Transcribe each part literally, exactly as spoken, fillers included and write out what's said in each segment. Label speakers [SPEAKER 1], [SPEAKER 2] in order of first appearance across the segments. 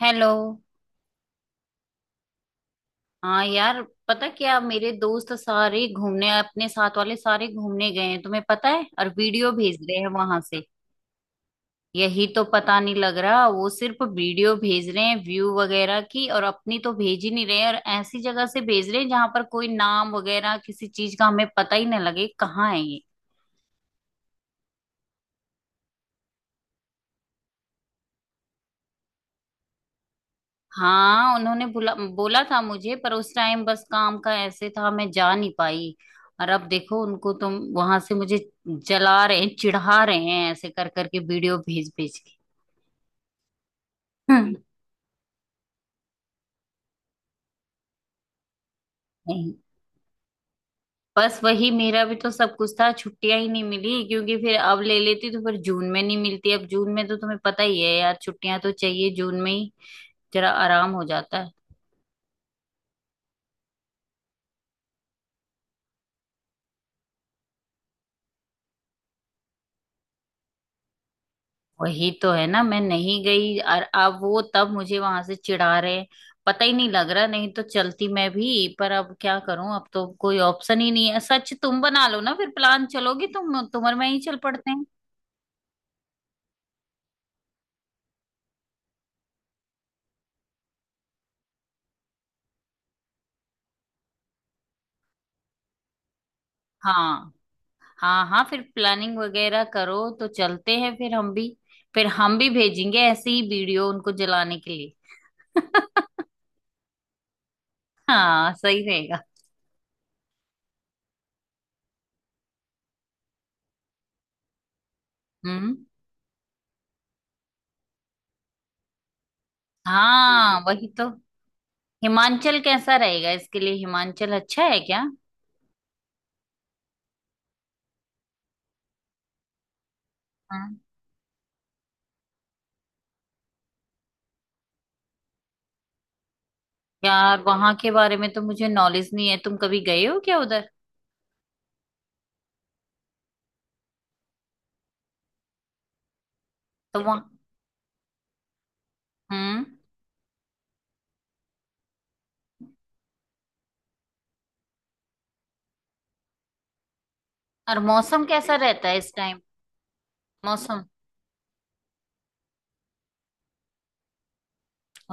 [SPEAKER 1] Hello. हाँ यार। पता क्या, मेरे दोस्त सारे घूमने, अपने साथ वाले सारे घूमने गए हैं तुम्हें पता है, और वीडियो भेज रहे हैं वहां से। यही तो पता नहीं लग रहा, वो सिर्फ वीडियो भेज रहे हैं व्यू वगैरह की और अपनी तो भेज ही नहीं रहे हैं, और ऐसी जगह से भेज रहे हैं जहां पर कोई नाम वगैरह किसी चीज का हमें पता ही ना लगे कहाँ है ये। हाँ, उन्होंने बुला बोला था मुझे, पर उस टाइम बस काम का ऐसे था मैं जा नहीं पाई। और अब देखो उनको, तुम वहां से मुझे जला रहे हैं, चिढ़ा रहे हैं ऐसे कर करके वीडियो भेज भेज के। हम्म। नहीं, बस वही मेरा भी तो सब कुछ था, छुट्टियां ही नहीं मिली, क्योंकि फिर अब ले लेती तो फिर जून में नहीं मिलती, अब जून में तो तुम्हें पता ही है यार, छुट्टियां तो चाहिए जून में ही, जरा आराम हो जाता है। वही तो है ना, मैं नहीं गई और अब वो तब मुझे वहां से चिढ़ा रहे हैं। पता ही नहीं लग रहा, नहीं तो चलती मैं भी, पर अब क्या करूं, अब तो कोई ऑप्शन ही नहीं है। सच, तुम बना लो ना फिर प्लान, चलोगी तुम तुम और मैं ही चल पड़ते हैं। हाँ। हाँ हाँ, फिर प्लानिंग वगैरह करो तो चलते हैं फिर हम भी। फिर हम भी भेजेंगे ऐसे ही वीडियो उनको जलाने के लिए। हाँ सही रहेगा। हम्म। हाँ वही तो। हिमाचल कैसा रहेगा, इसके लिए हिमाचल अच्छा है क्या? हाँ। यार वहां के बारे में तो मुझे नॉलेज नहीं है, तुम कभी गए हो क्या उधर? तो वहां। हम्म। और मौसम कैसा रहता है इस टाइम? मौसम।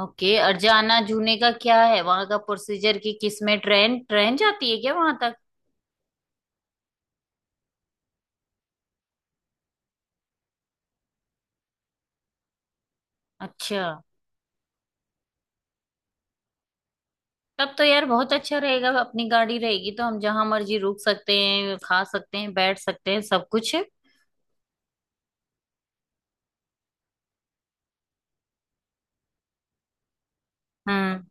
[SPEAKER 1] ओके, और जाना जूने का क्या है, वहां का प्रोसीजर की किस में, ट्रेन ट्रेन जाती है क्या वहां तक? अच्छा। तब तो यार बहुत अच्छा रहेगा, अपनी गाड़ी रहेगी तो हम जहां मर्जी रुक सकते हैं, खा सकते हैं, बैठ सकते हैं, सब कुछ है। हम्म।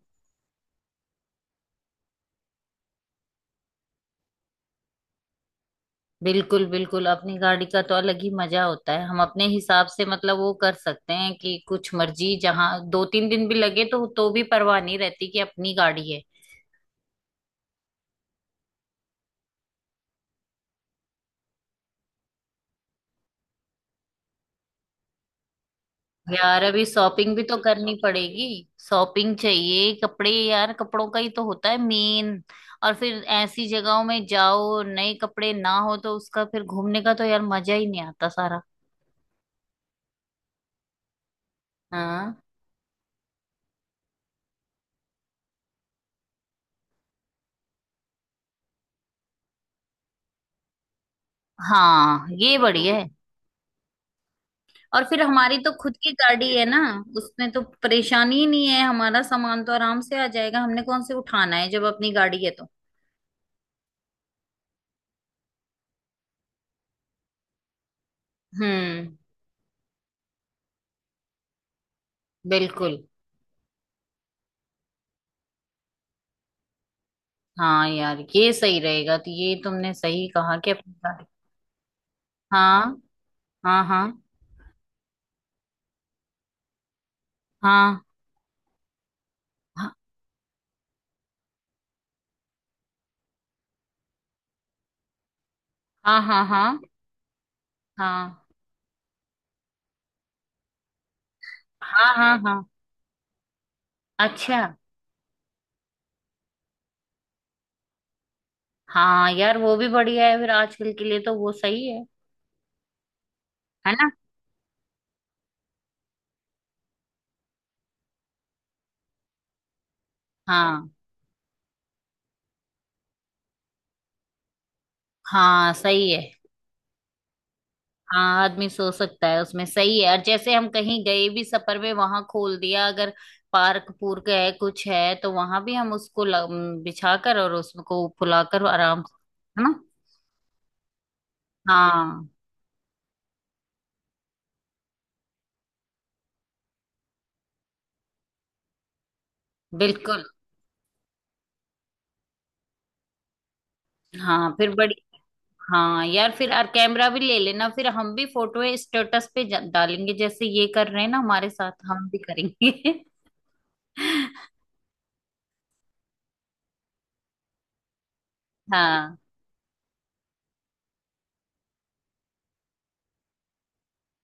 [SPEAKER 1] बिल्कुल बिल्कुल, अपनी गाड़ी का तो अलग ही मजा होता है, हम अपने हिसाब से मतलब वो कर सकते हैं कि कुछ मर्जी जहाँ दो तीन दिन भी लगे तो तो भी परवाह नहीं रहती कि अपनी गाड़ी है। यार अभी शॉपिंग भी तो करनी पड़ेगी। शॉपिंग चाहिए, कपड़े यार, कपड़ों का ही तो होता है मेन। और फिर ऐसी जगहों में जाओ, नए कपड़े ना हो तो उसका फिर घूमने का तो यार मजा ही नहीं आता सारा। हाँ। हाँ ये बढ़िया है। और फिर हमारी तो खुद की गाड़ी है ना, उसमें तो परेशानी ही नहीं है, हमारा सामान तो आराम से आ जाएगा, हमने कौन से उठाना है जब अपनी गाड़ी है तो। हम्म। बिल्कुल। हाँ यार ये सही रहेगा, तो ये तुमने सही कहा कि अपनी गाड़ी। हाँ। हाँ हाँ। हाँ। हाँ हाँ। हाँ हाँ। हाँ हाँ। हाँ। अच्छा। हाँ यार वो भी बढ़िया है, फिर आजकल के लिए तो वो सही है। है ना। हाँ। हाँ सही है। हाँ आदमी सो सकता है उसमें, सही है, और जैसे हम कहीं गए भी सफर में, वहां खोल दिया, अगर पार्क पूर्क है कुछ है तो वहां भी हम उसको ल- म, बिछा कर और उसको फुलाकर आराम से। है ना। हाँ। बिल्कुल। हाँ फिर बड़ी। हाँ यार फिर और कैमरा भी ले लेना, फिर हम भी फोटो स्टेटस पे ज- डालेंगे, जैसे ये कर रहे हैं ना हमारे साथ, हम भी करेंगे। हाँ।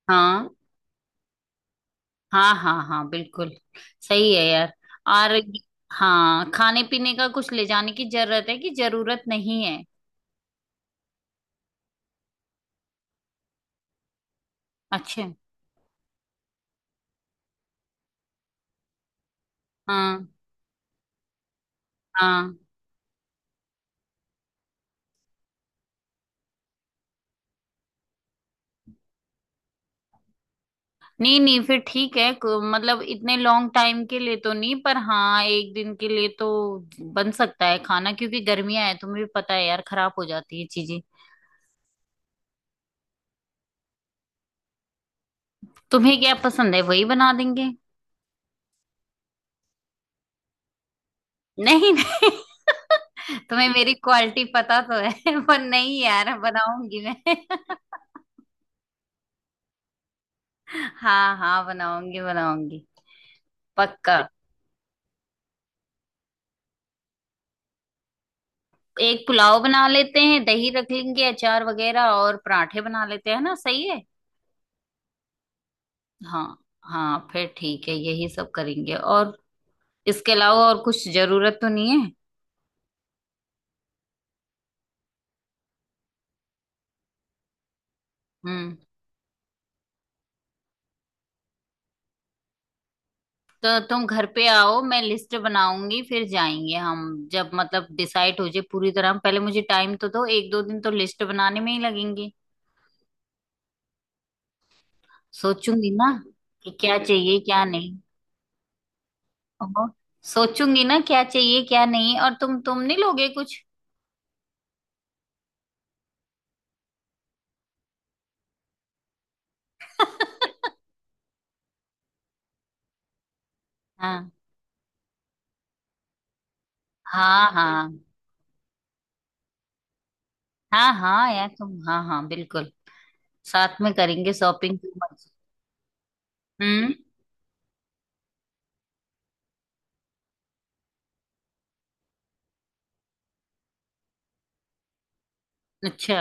[SPEAKER 1] हाँ हाँ। हाँ हाँ। बिल्कुल। सही है यार। और हाँ, खाने पीने का कुछ ले जाने की जरूरत है कि जरूरत नहीं है? अच्छा। हाँ। हाँ। नहीं नहीं, फिर ठीक है, को- मतलब इतने लॉन्ग टाइम के लिए तो नहीं, पर हाँ एक दिन के लिए तो बन सकता है खाना, क्योंकि गर्मियां है तुम्हें भी पता है यार, खराब हो जाती है चीजें। तुम्हें क्या पसंद है, वही बना देंगे। नहीं नहीं। तुम्हें मेरी क्वालिटी पता तो है। पर नहीं यार, बनाऊंगी मैं। हाँ हाँ, बनाऊंगी बनाऊंगी, पक्का। एक पुलाव बना लेते हैं, दही रख लेंगे, अचार वगैरह और पराठे बना लेते हैं ना, सही है। हाँ। हाँ फिर ठीक है, यही सब करेंगे, और इसके अलावा और कुछ जरूरत तो नहीं है। हम्म। तो तुम घर पे आओ, मैं लिस्ट बनाऊंगी, फिर जाएंगे हम, जब मतलब डिसाइड हो जाए पूरी तरह। पहले मुझे टाइम तो दो, एक दो दिन तो लिस्ट बनाने में ही लगेंगे, सोचूंगी ना कि क्या चाहिए क्या नहीं। ओहो, सोचूंगी ना, क्या चाहिए क्या नहीं, और तुम तुम नहीं लोगे कुछ? हाँ। हाँ हाँ। हाँ हाँ यार, तुम, हाँ हाँ बिल्कुल। साथ में करेंगे शॉपिंग। हम्म। अच्छा।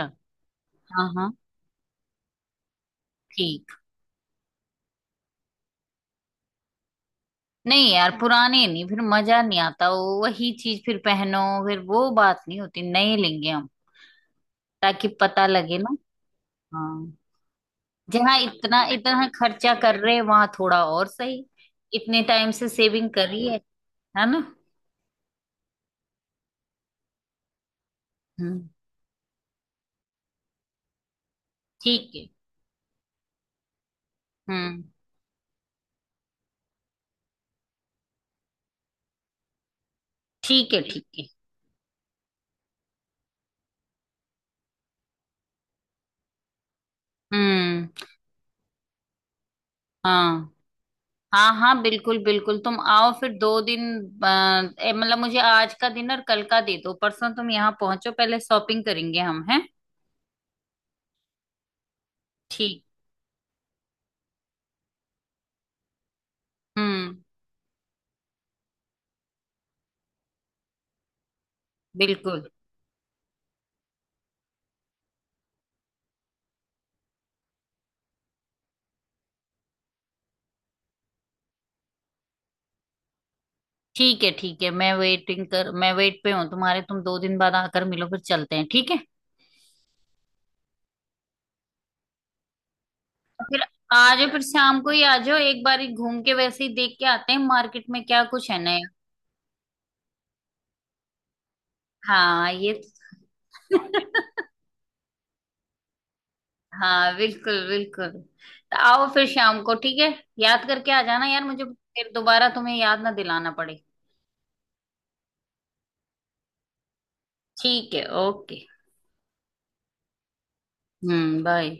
[SPEAKER 1] हाँ हाँ। ठीक। नहीं यार, पुराने नहीं, फिर मजा नहीं आता, वो वही चीज फिर पहनो, फिर वो बात नहीं होती। नए लेंगे हम, ताकि पता लगे ना। हाँ, जहाँ इतना इतना खर्चा कर रहे हैं, वहां थोड़ा और सही, इतने टाइम से सेविंग करी है है ना। हम्म। ठीक है। हम्म। ठीक है। ठीक है। हम्म। हाँ हाँ, हाँ बिल्कुल बिल्कुल, तुम आओ फिर दो दिन। अ, ए, मतलब मुझे आज का दिन और कल का दे दो, परसों तुम यहाँ पहुंचो, पहले शॉपिंग करेंगे हम। हैं। ठीक। हम्म। बिल्कुल। ठीक है ठीक है, मैं वेटिंग कर, मैं वेट पे हूँ तुम्हारे, तुम दो दिन बाद आकर मिलो, फिर चलते हैं ठीक है। फिर। आ जाओ फिर शाम को ही आ जाओ, एक बार ही घूम के वैसे ही देख के आते हैं मार्केट में क्या कुछ है नया। हाँ ये। हाँ बिल्कुल बिल्कुल, तो आओ फिर शाम को, ठीक है। याद करके आ जाना यार, मुझे फिर दोबारा तुम्हें याद ना दिलाना पड़े। ठीक है, ओके। हम्म, बाय।